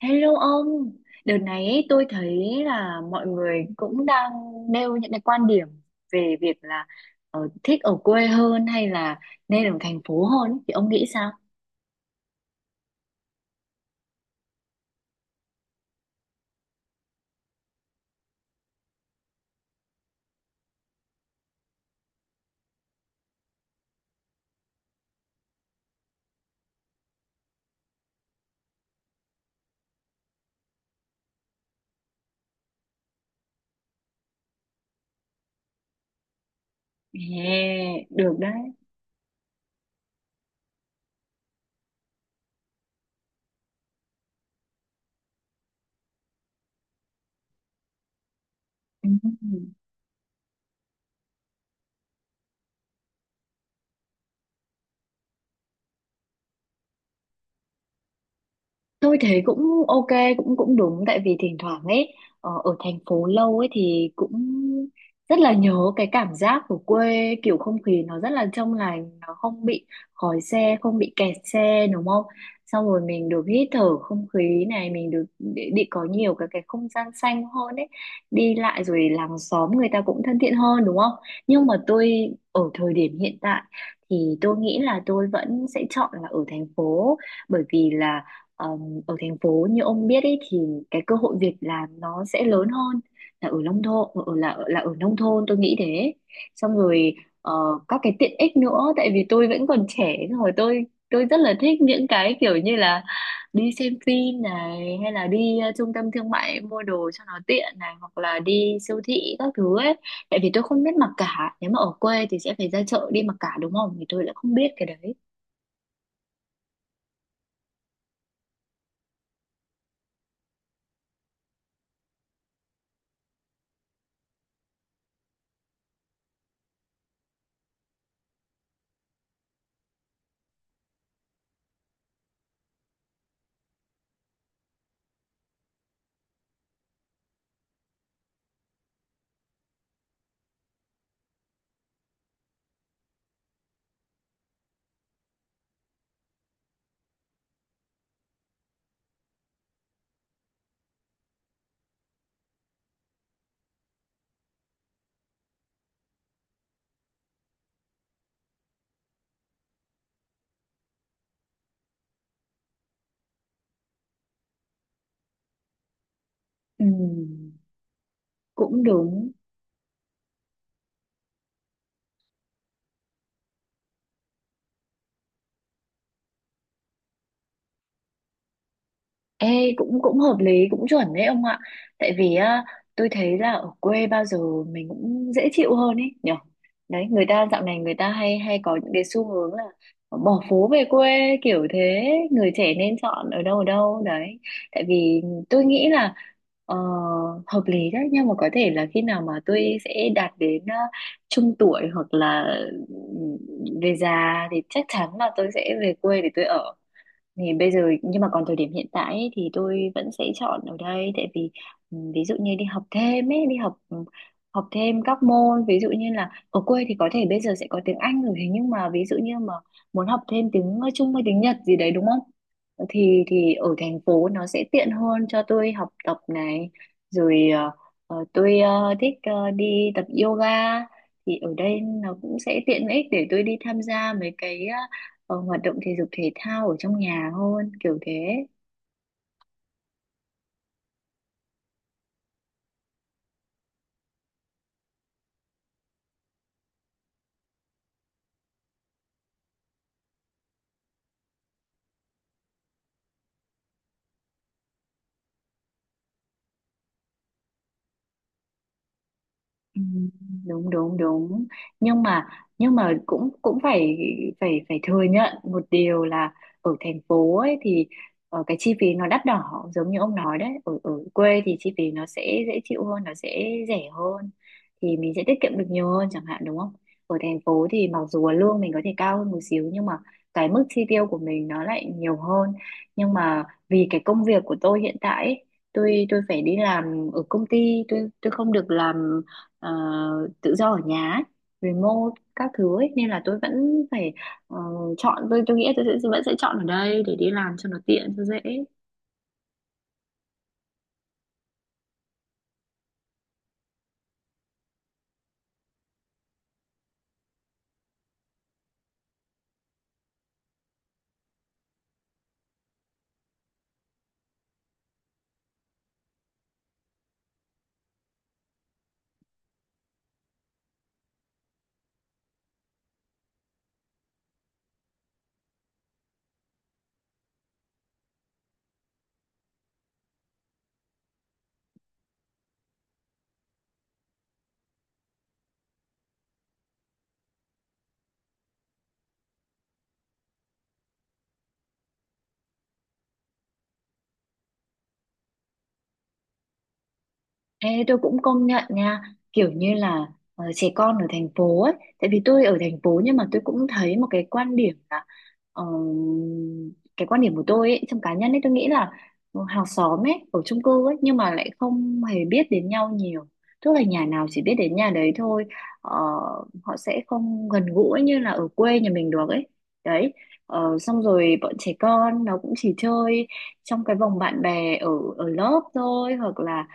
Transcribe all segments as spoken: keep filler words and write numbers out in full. Hello ông, đợt này ấy, tôi thấy là mọi người cũng đang nêu những cái quan điểm về việc là ờ, thích ở quê hơn hay là nên ở thành phố hơn ấy. Thì ông nghĩ sao? Ê, được đấy. Ừ. Tôi thấy cũng ok, cũng cũng đúng tại vì thỉnh thoảng ấy, ờ, ở thành phố lâu ấy thì cũng rất là nhớ cái cảm giác của quê, kiểu không khí nó rất là trong lành, nó không bị khói xe, không bị kẹt xe đúng không? Xong rồi mình được hít thở không khí này, mình được đi, đi có nhiều cái cái không gian xanh hơn ấy, đi lại, rồi làng xóm người ta cũng thân thiện hơn đúng không? Nhưng mà tôi ở thời điểm hiện tại thì tôi nghĩ là tôi vẫn sẽ chọn là ở thành phố, bởi vì là ở thành phố như ông biết ấy thì cái cơ hội việc làm nó sẽ lớn hơn là ở nông thôn ở là là ở nông thôn tôi nghĩ thế. Xong rồi ờ, các cái tiện ích nữa, tại vì tôi vẫn còn trẻ, xong rồi tôi tôi rất là thích những cái kiểu như là đi xem phim này, hay là đi ờ, trung tâm thương mại mua đồ cho nó tiện này, hoặc là đi siêu thị các thứ ấy, tại vì tôi không biết mặc cả, nếu mà ở quê thì sẽ phải ra chợ đi mặc cả đúng không, thì tôi lại không biết cái đấy. Ừ, cũng đúng. Ê, cũng cũng hợp lý, cũng chuẩn đấy ông ạ, tại vì á, tôi thấy là ở quê bao giờ mình cũng dễ chịu hơn ấy nhở. Đấy, người ta dạo này người ta hay hay có những cái xu hướng là bỏ phố về quê kiểu thế, người trẻ nên chọn ở đâu, ở đâu đấy. Tại vì tôi nghĩ là ờ, hợp lý đấy, nhưng mà có thể là khi nào mà tôi sẽ đạt đến ờ, trung tuổi hoặc là ừ, về già thì chắc chắn là tôi sẽ về quê để tôi ở. Thì bây giờ, nhưng mà còn thời điểm hiện tại ấy, thì tôi vẫn sẽ chọn ở đây tại vì ừ, ví dụ như đi học thêm ấy, đi học ừ, học thêm các môn. Ví dụ như là ở quê thì có thể bây giờ sẽ có tiếng Anh rồi, thế nhưng mà ví dụ như mà muốn học thêm tiếng ờ, Trung hay tiếng Nhật gì đấy đúng không, thì thì ở thành phố nó sẽ tiện hơn cho tôi học tập này. Rồi ờ, ờ, tôi ờ, thích ờ, đi tập yoga, thì ở đây nó cũng sẽ tiện ích để tôi đi tham gia mấy cái ờ, ờ, hoạt động thể dục thể thao ở trong nhà hơn kiểu thế. Ừ, đúng đúng đúng. Nhưng mà nhưng mà cũng cũng phải phải phải thừa nhận một điều là ở thành phố ấy thì ờ, cái chi phí nó đắt đỏ, giống như ông nói đấy, ở ở quê thì chi phí nó sẽ dễ chịu hơn, nó sẽ rẻ hơn, thì mình sẽ tiết kiệm được nhiều hơn chẳng hạn đúng không. Ở thành phố thì mặc dù là lương mình có thể cao hơn một xíu, nhưng mà cái mức chi tiêu của mình nó lại nhiều hơn. Nhưng mà vì cái công việc của tôi hiện tại ấy, tôi tôi phải đi làm ở công ty, tôi tôi không được làm ờ, tự do ở nhà ấy, remote các thứ ấy, nên là tôi vẫn phải ờ, chọn, tôi tôi nghĩ tôi sẽ vẫn sẽ chọn ở đây để đi làm cho nó tiện cho dễ. Ê, tôi cũng công nhận nha, kiểu như là ờ, trẻ con ở thành phố ấy, tại vì tôi ở thành phố nhưng mà tôi cũng thấy một cái quan điểm là ờ, cái quan điểm của tôi ấy, trong cá nhân ấy tôi nghĩ là hàng xóm ấy ở chung cư ấy nhưng mà lại không hề biết đến nhau nhiều, tức là nhà nào chỉ biết đến nhà đấy thôi. Ờ, Họ sẽ không gần gũi như là ở quê nhà mình được ấy, đấy. Ờ, xong rồi bọn trẻ con nó cũng chỉ chơi trong cái vòng bạn bè ở ở lớp thôi, hoặc là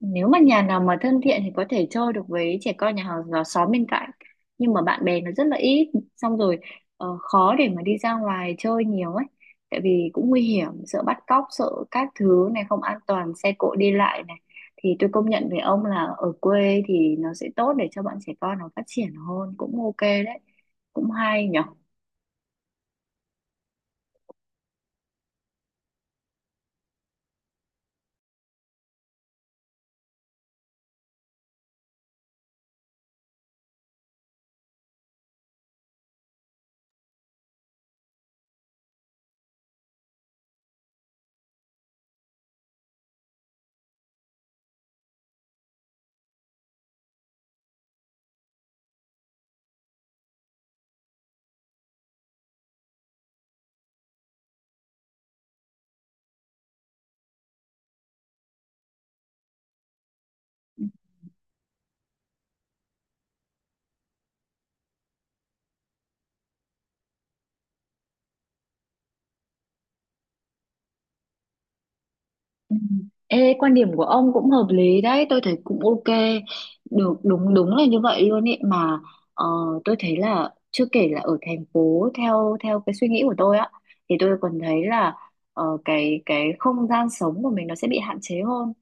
nếu mà nhà nào mà thân thiện thì có thể chơi được với trẻ con nhà hàng xóm xóm bên cạnh. Nhưng mà bạn bè nó rất là ít, xong rồi ờ, khó để mà đi ra ngoài chơi nhiều ấy. Tại vì cũng nguy hiểm, sợ bắt cóc, sợ các thứ này không an toàn, xe cộ đi lại này. Thì tôi công nhận với ông là ở quê thì nó sẽ tốt để cho bọn trẻ con nó phát triển hơn, cũng ok đấy, cũng hay nhở. Ừ. Ê, quan điểm của ông cũng hợp lý đấy, tôi thấy cũng ok. Được, đúng đúng là như vậy luôn ý mà, ờ, tôi thấy là chưa kể là ở thành phố theo theo cái suy nghĩ của tôi á thì tôi còn thấy là ờ, cái cái không gian sống của mình nó sẽ bị hạn chế hơn.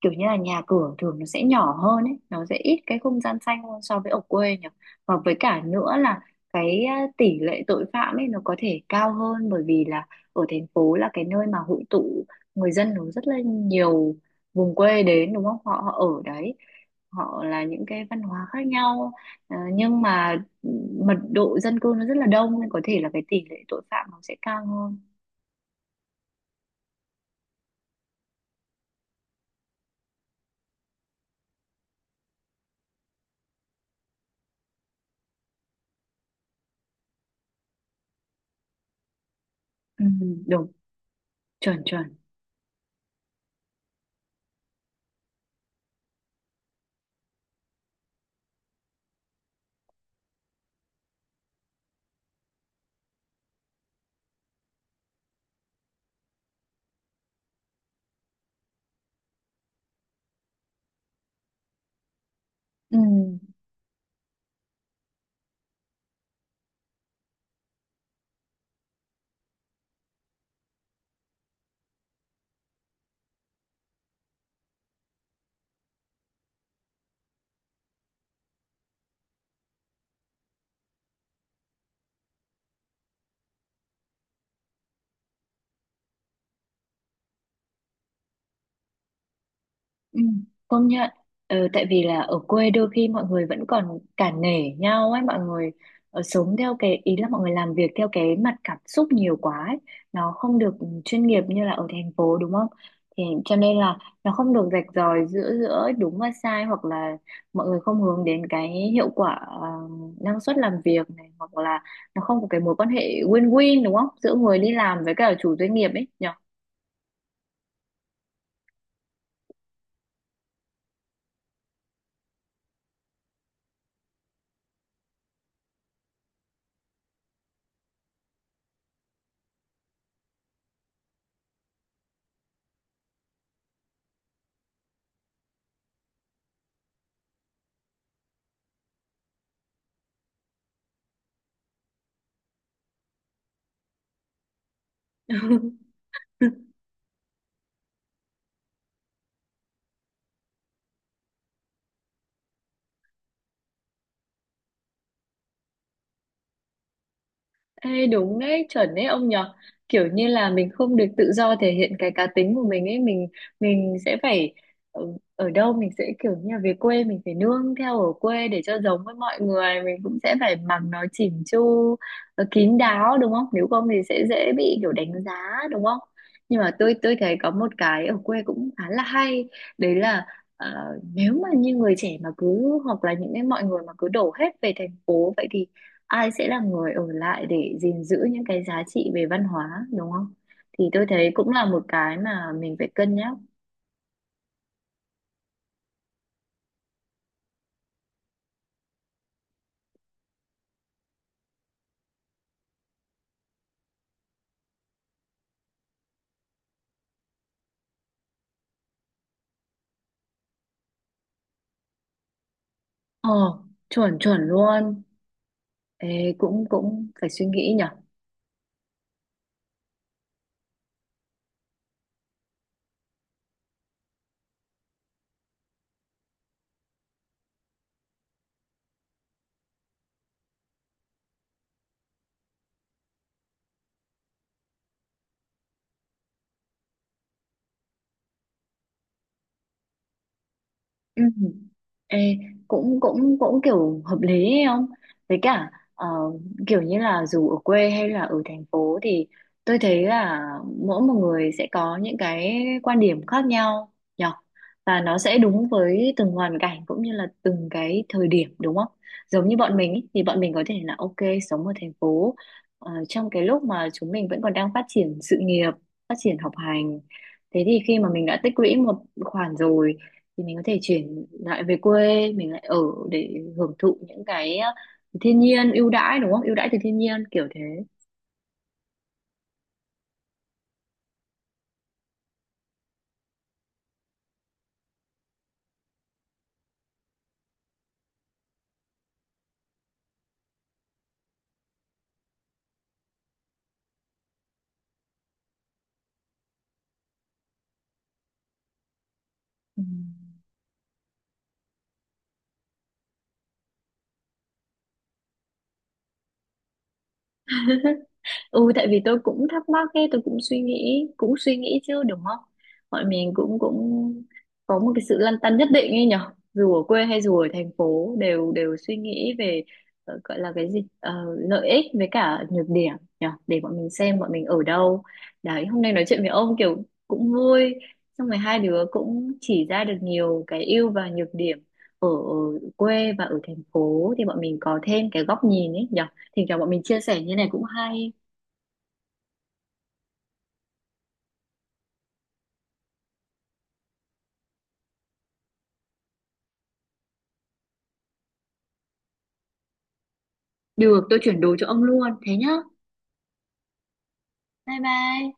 Kiểu như là nhà cửa thường nó sẽ nhỏ hơn ấy, nó sẽ ít cái không gian xanh hơn so với ở quê nhỉ. Và với cả nữa là cái ờ, tỷ lệ tội phạm ấy nó có thể cao hơn, bởi vì là ở thành phố là cái nơi mà hội tụ, người dân nó rất là nhiều vùng quê đến đúng không, họ, họ ở đấy, họ là những cái văn hóa khác nhau. Ờ, nhưng mà mật độ dân cư nó rất là đông nên có thể là cái tỷ lệ tội phạm nó sẽ cao hơn. Ừ, đúng, chuẩn chuẩn, ừ. Ừ, công nhận. Ờ, tại vì là ở quê đôi khi mọi người vẫn còn cả nể nhau ấy, mọi người ờ, sống theo cái ý là mọi người làm việc theo cái mặt cảm xúc nhiều quá ấy. Nó không được chuyên nghiệp như là ở thành phố đúng không, thì cho nên là nó không được rạch ròi giữa giữa đúng và sai, hoặc là mọi người không hướng đến cái hiệu quả, ờ, năng suất làm việc này, hoặc là nó không có cái mối quan hệ win-win đúng không giữa người đi làm với cả chủ doanh nghiệp ấy nhỉ. Ê, đúng đấy, chuẩn đấy ông nhở, kiểu như là mình không được tự do thể hiện cái cá tính của mình ấy, mình mình sẽ phải ở, ở đâu, mình sẽ kiểu như là về quê mình phải nương theo ở quê để cho giống với mọi người, mình cũng sẽ phải mặc nó chỉn chu, ờ, kín đáo đúng không, nếu không thì sẽ dễ bị kiểu đánh giá đúng không. Nhưng mà tôi tôi thấy có một cái ở quê cũng khá là hay, đấy là ờ, nếu mà như người trẻ mà cứ, hoặc là những cái mọi người mà cứ đổ hết về thành phố vậy thì ai sẽ là người ở lại để gìn giữ những cái giá trị về văn hóa đúng không, thì tôi thấy cũng là một cái mà mình phải cân nhắc. ờ Chuẩn chuẩn luôn. Ê, cũng cũng phải suy nghĩ nhở. Ừ. Ê, cũng cũng cũng kiểu hợp lý ấy không? Với cả ờ, kiểu như là dù ở quê hay là ở thành phố thì tôi thấy là mỗi một người sẽ có những cái quan điểm khác nhau nhỉ? Và nó sẽ đúng với từng hoàn cảnh cũng như là từng cái thời điểm đúng không? Giống như bọn mình ý, thì bọn mình có thể là ok sống ở thành phố ờ, trong cái lúc mà chúng mình vẫn còn đang phát triển sự nghiệp, phát triển học hành. Thế thì khi mà mình đã tích lũy một khoản rồi thì mình có thể chuyển lại về quê mình lại ở để hưởng thụ những cái ờ, thiên nhiên ưu đãi đúng không, ưu đãi từ thiên nhiên kiểu thế. Ừ. Ừ, tại vì tôi cũng thắc mắc ấy, tôi cũng suy nghĩ cũng suy nghĩ chứ đúng không, mọi mình cũng cũng có một cái sự lăn tăn nhất định ấy nhở, dù ở quê hay dù ở thành phố đều đều suy nghĩ về ờ, gọi là cái gì. Ờ, Lợi ích với cả nhược điểm nhở, để bọn mình xem bọn mình ở đâu. Đấy, hôm nay nói chuyện với ông kiểu cũng vui, xong rồi hai đứa cũng chỉ ra được nhiều cái ưu và nhược điểm ở, ở quê và ở thành phố, thì bọn mình có thêm cái góc nhìn ấy nhở, thỉnh thoảng bọn mình chia sẻ như này cũng hay. Được, tôi chuyển đồ cho ông luôn. Thế nhá. Bye bye.